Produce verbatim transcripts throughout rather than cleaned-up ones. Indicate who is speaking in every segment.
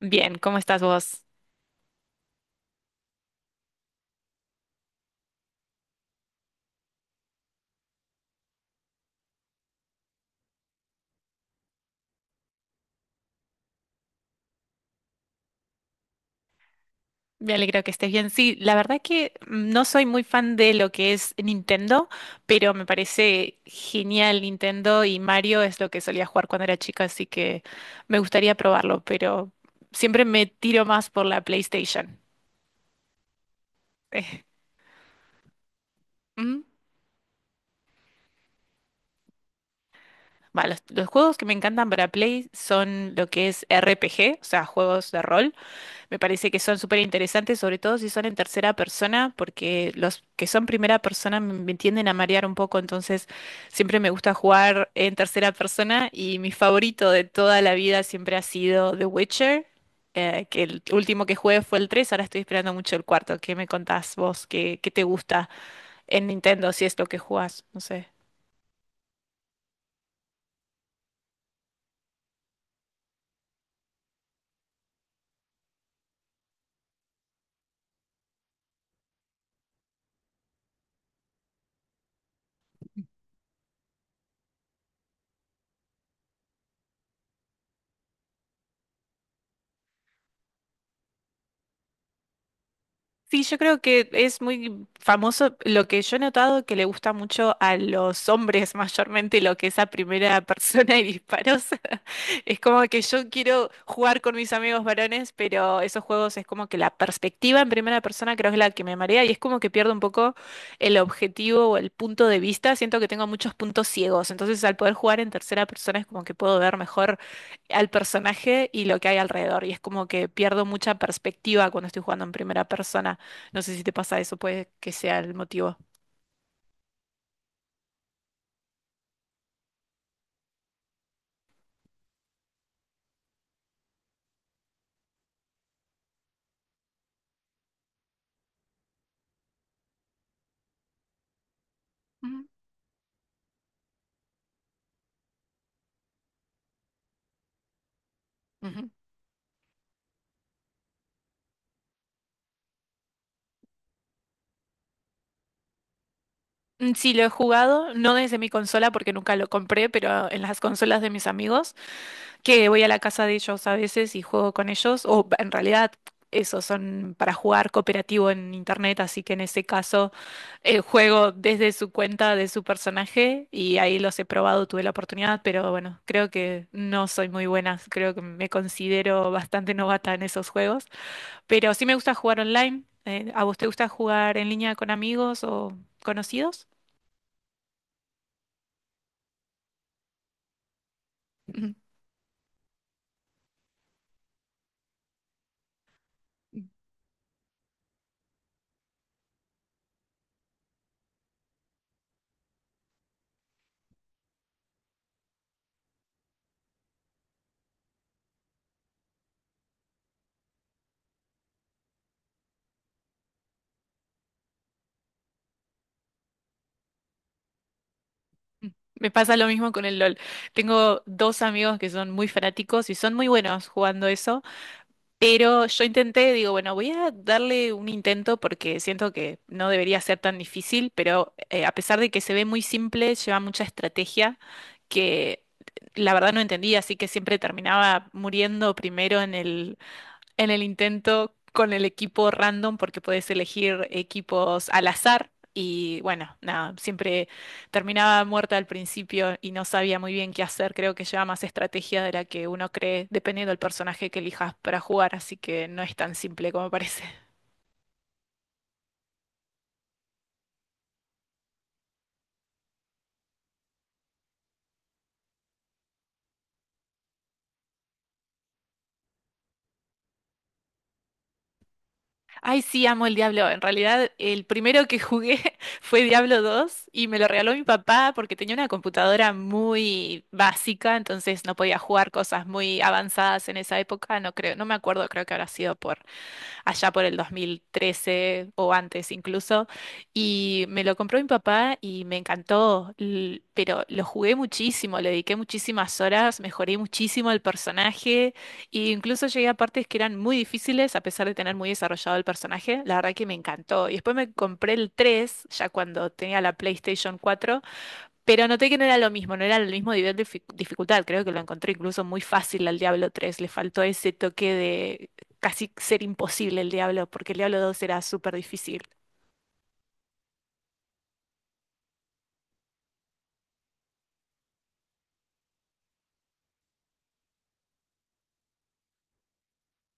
Speaker 1: Bien, ¿cómo estás vos? Me alegro que estés bien. Sí, la verdad que no soy muy fan de lo que es Nintendo, pero me parece genial Nintendo y Mario es lo que solía jugar cuando era chica, así que me gustaría probarlo, pero siempre me tiro más por la PlayStation. Eh, Ujú. Va, los, los juegos que me encantan para Play son lo que es R P G, o sea, juegos de rol. Me parece que son súper interesantes, sobre todo si son en tercera persona, porque los que son primera persona me, me tienden a marear un poco, entonces siempre me gusta jugar en tercera persona y mi favorito de toda la vida siempre ha sido The Witcher, eh, que el último que jugué fue el tres. Ahora estoy esperando mucho el cuarto. ¿Qué me contás vos? ¿Qué, qué te gusta en Nintendo si es lo que jugás? No sé. Sí, yo creo que es muy famoso lo que yo he notado que le gusta mucho a los hombres mayormente lo que es a primera persona y disparos. Es como que yo quiero jugar con mis amigos varones, pero esos juegos es como que la perspectiva en primera persona creo que es la que me marea y es como que pierdo un poco el objetivo o el punto de vista. Siento que tengo muchos puntos ciegos, entonces al poder jugar en tercera persona es como que puedo ver mejor al personaje y lo que hay alrededor y es como que pierdo mucha perspectiva cuando estoy jugando en primera persona. No sé si te pasa eso, puede que sea el motivo. Ujú. Ujú. Mm, Sí, lo he jugado, no desde mi consola porque nunca lo compré, pero en las consolas de mis amigos, que voy a la casa de ellos a veces y juego con ellos, o b- en realidad esos son para jugar cooperativo en internet, así que en ese caso eh, juego desde su cuenta de su personaje y ahí los he probado, tuve la oportunidad, pero bueno, creo que no soy muy buena, creo que me considero bastante novata en esos juegos. Pero sí me gusta jugar online. Eh, ¿a vos te gusta jugar en línea con amigos o conocidos? Ujú. Me pasa lo mismo con el LOL. Tengo dos amigos que son muy fanáticos y son muy buenos jugando eso, pero yo intenté, digo, bueno, voy a darle un intento porque siento que no debería ser tan difícil, pero eh, a pesar de que se ve muy simple, lleva mucha estrategia que eh, la verdad no entendía, así que siempre terminaba muriendo primero en el, en el intento con el equipo random porque podés elegir equipos al azar y bueno, nada, siempre terminaba muerta al principio y no sabía muy bien qué hacer. Creo que lleva más estrategia de la que uno cree, dependiendo del personaje que elijas para jugar, así que no es tan simple como parece. Ay, sí, amo el Diablo. En realidad, el primero que jugué fue Diablo dos y me lo regaló mi papá porque tenía una computadora muy básica, entonces no podía jugar cosas muy avanzadas en esa época. No creo, no me acuerdo, creo que habrá sido por allá por el dos mil trece o antes incluso, y me lo compró mi papá y me encantó, l- pero lo jugué muchísimo, le dediqué muchísimas horas, mejoré muchísimo el personaje, e incluso llegué a partes que eran muy difíciles a pesar de tener muy desarrollado el personaje, la verdad que me encantó. Y después me compré el tres ya cuando tenía la PlayStation cuatro. Pero noté que no era lo mismo, no era el mismo nivel de dific- dificultad. Creo que lo encontré incluso muy fácil al Diablo tres. Le faltó ese toque de casi ser imposible el Diablo, porque el Diablo dos era súper difícil.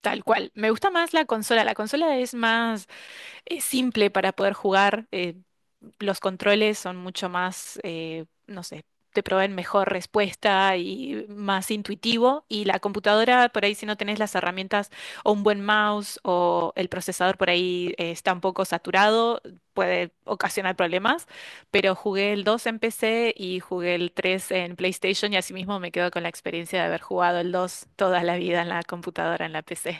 Speaker 1: Tal cual. Me gusta más la consola. La consola es más. Es simple para poder jugar. Eh, los controles son mucho más, eh, no sé, te proveen mejor respuesta y más intuitivo. Y la computadora, por ahí si no tenés las herramientas o un buen mouse o el procesador por ahí eh, está un poco saturado, puede ocasionar problemas. Pero jugué el dos en P C y jugué el tres en PlayStation y asimismo me quedo con la experiencia de haber jugado el dos toda la vida en la computadora, en la P C.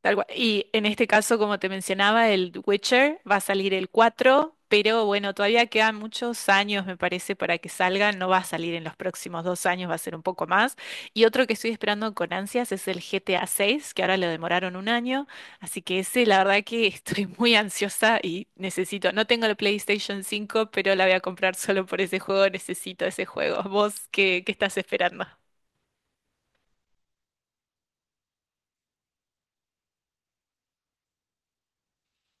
Speaker 1: Tal cual. Y en este caso, como te mencionaba, el Witcher va a salir el cuatro, pero bueno, todavía quedan muchos años, me parece, para que salga. No va a salir en los próximos dos años, va a ser un poco más. Y otro que estoy esperando con ansias es el G T A seis, que ahora lo demoraron un año. Así que ese, la verdad que estoy muy ansiosa y necesito. No tengo la PlayStation cinco, pero la voy a comprar solo por ese juego. Necesito ese juego. ¿Vos qué, qué estás esperando?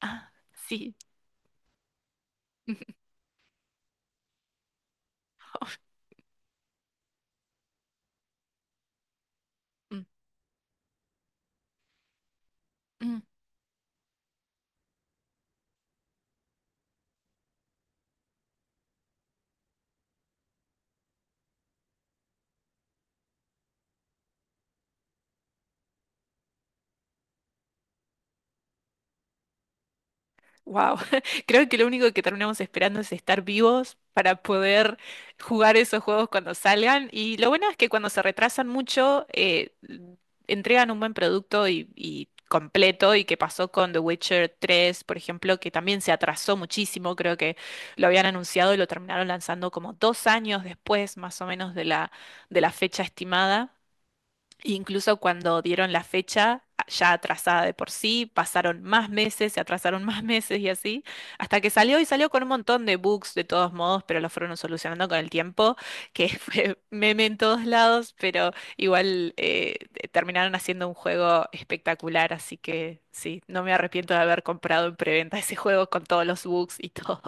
Speaker 1: Ah, sí. Wow, creo que lo único que terminamos esperando es estar vivos para poder jugar esos juegos cuando salgan. Y lo bueno es que cuando se retrasan mucho, eh, entregan un buen producto y, y completo. Y que pasó con The Witcher tres, por ejemplo, que también se atrasó muchísimo. Creo que lo habían anunciado y lo terminaron lanzando como dos años después, más o menos, de la, de la fecha estimada. Incluso cuando dieron la fecha ya atrasada de por sí, pasaron más meses, se atrasaron más meses y así, hasta que salió y salió con un montón de bugs de todos modos, pero lo fueron solucionando con el tiempo, que fue meme en todos lados, pero igual eh, terminaron haciendo un juego espectacular, así que sí, no me arrepiento de haber comprado en preventa ese juego con todos los bugs y todo.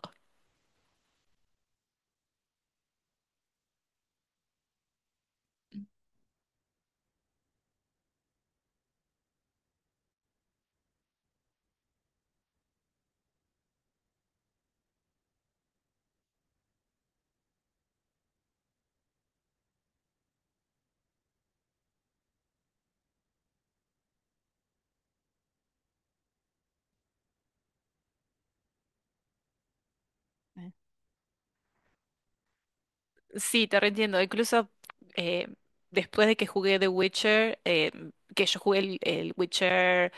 Speaker 1: Sí, te reentiendo. Incluso eh, después de que jugué The Witcher, eh, que yo jugué el, el Witcher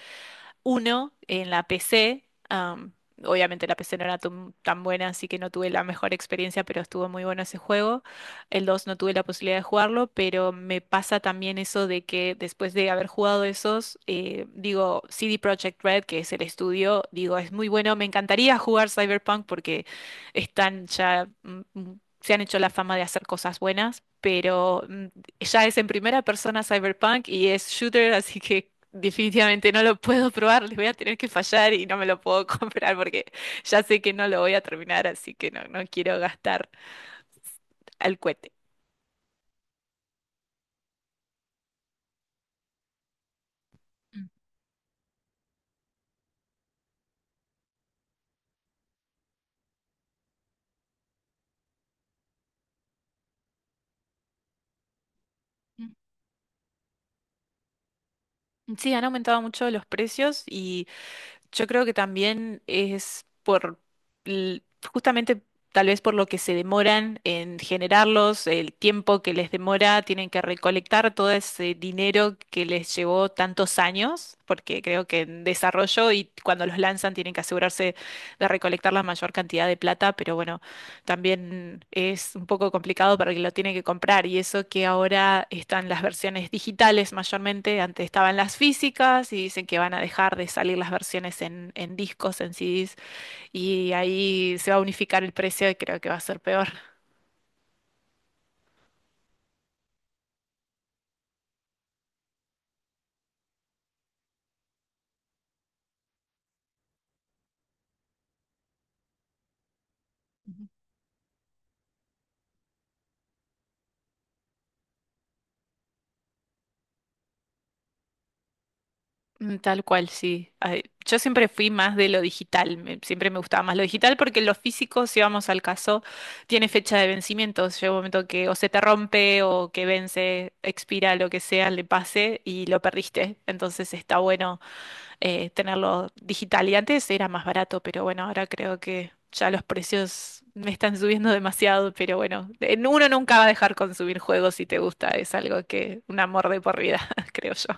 Speaker 1: uno en la P C. Am, obviamente la P C no era tan tan buena, así que no tuve la mejor experiencia, pero estuvo muy bueno ese juego. El dos no tuve la posibilidad de jugarlo, pero me pasa también eso de que después de haber jugado esos, eh, digo, C D Projekt Red, que es el estudio, digo, es muy bueno, me encantaría jugar Cyberpunk porque están ya... mm, mm, Se han hecho la fama de hacer cosas buenas, pero mm, ya es en primera persona Cyberpunk y es shooter, así que definitivamente no lo puedo probar, les voy a tener que fallar y no me lo puedo comprar porque ya sé que no lo voy a terminar, así que no, no quiero gastar al cohete. Mm. Sí, han aumentado mucho los precios y yo creo que también es por, l- justamente tal vez por lo que se demoran en generarlos, el tiempo que les demora, tienen que recolectar todo ese dinero que les llevó tantos años, porque creo que en desarrollo y cuando los lanzan tienen que asegurarse de recolectar la mayor cantidad de plata, pero bueno también es un poco complicado para el que lo tiene que comprar y eso que ahora están las versiones digitales mayormente, antes estaban las físicas y dicen que van a dejar de salir las versiones en, en discos, en C Ds y ahí se va a unificar el precio y creo que va a ser peor. Mm, tal cual, sí. Ay, yo siempre fui más de lo digital, me- siempre me gustaba más lo digital porque lo físico, si vamos al caso, tiene fecha de vencimiento. Llega un momento que o se te rompe o que vence, expira, lo que sea, le pase y lo perdiste. Entonces está bueno eh, tenerlo digital. Y antes era más barato, pero bueno, ahora creo que ya los precios me están subiendo demasiado, pero bueno, en- uno nunca va a dejar consumir juegos si te gusta, es algo que un amor de por vida, creo yo.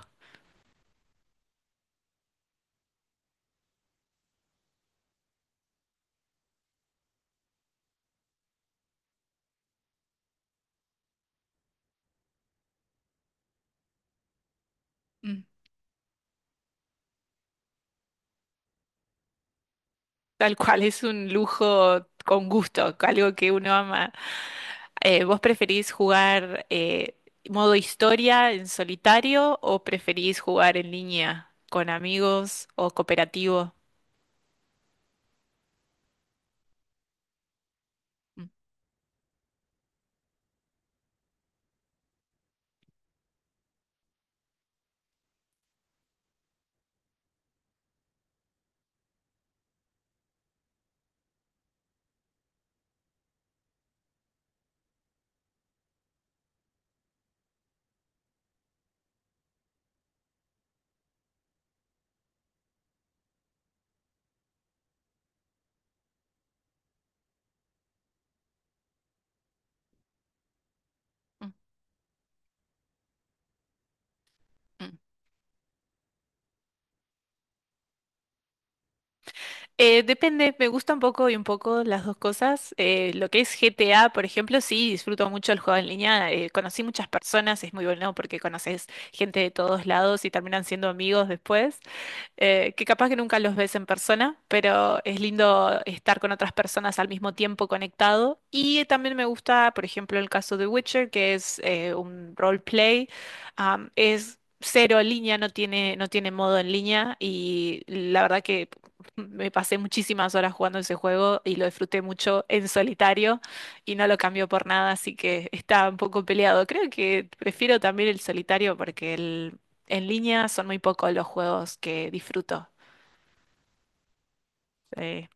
Speaker 1: Mm. Tal cual, es un lujo con gusto, algo que uno ama. Eh, ¿vos preferís jugar eh, modo historia en solitario o preferís jugar en línea con amigos o cooperativo? Mm, mm, mm. Eh, depende, me gusta un poco y un poco las dos cosas. Eh, lo que es G T A, por ejemplo, sí, disfruto mucho el juego en línea. Eh, conocí muchas personas, es muy bueno porque conoces gente de todos lados y terminan siendo amigos después. Eh, que capaz que nunca los ves en persona, pero es lindo estar con otras personas al mismo tiempo conectado. Y también me gusta, por ejemplo, el caso de Witcher, que es eh, un roleplay, am, es cero en línea, no tiene, no tiene modo en línea y la verdad que... Me pasé muchísimas horas jugando ese juego y lo disfruté mucho en solitario y no lo cambió por nada, así que está un poco peleado. Creo que prefiero también el solitario porque el en línea son muy pocos los juegos que disfruto. eh,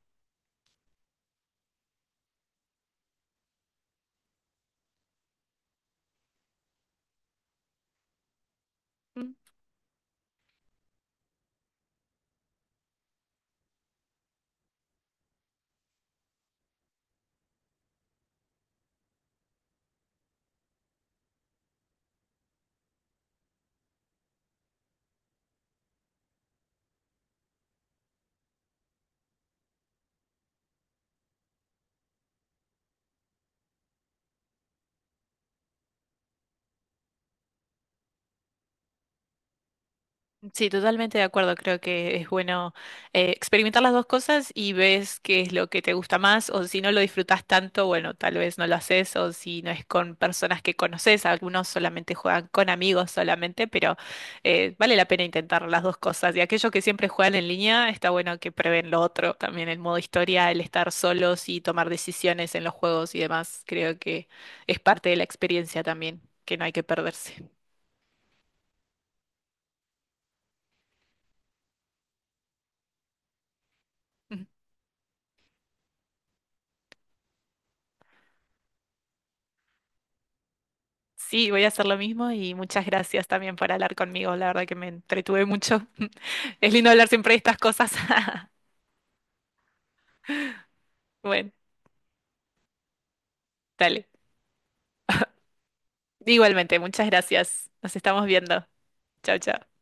Speaker 1: mm, Sí, totalmente de acuerdo. Creo que es bueno eh, experimentar las dos cosas y ves qué es lo que te gusta más o si no lo disfrutas tanto, bueno, tal vez no lo haces o si no es con personas que conoces, algunos solamente juegan con amigos solamente, pero eh, vale la pena intentar las dos cosas. Y aquellos que siempre juegan en línea, está bueno que prueben lo otro, también el modo historia, el estar solos y tomar decisiones en los juegos y demás. Creo que es parte de la experiencia también, que no hay que perderse. Sí, voy a hacer lo mismo y muchas gracias también por hablar conmigo. La verdad que me entretuve mucho. Es lindo hablar siempre de estas cosas. Bueno, dale. Igualmente, muchas gracias. Nos estamos viendo. Chao, chao.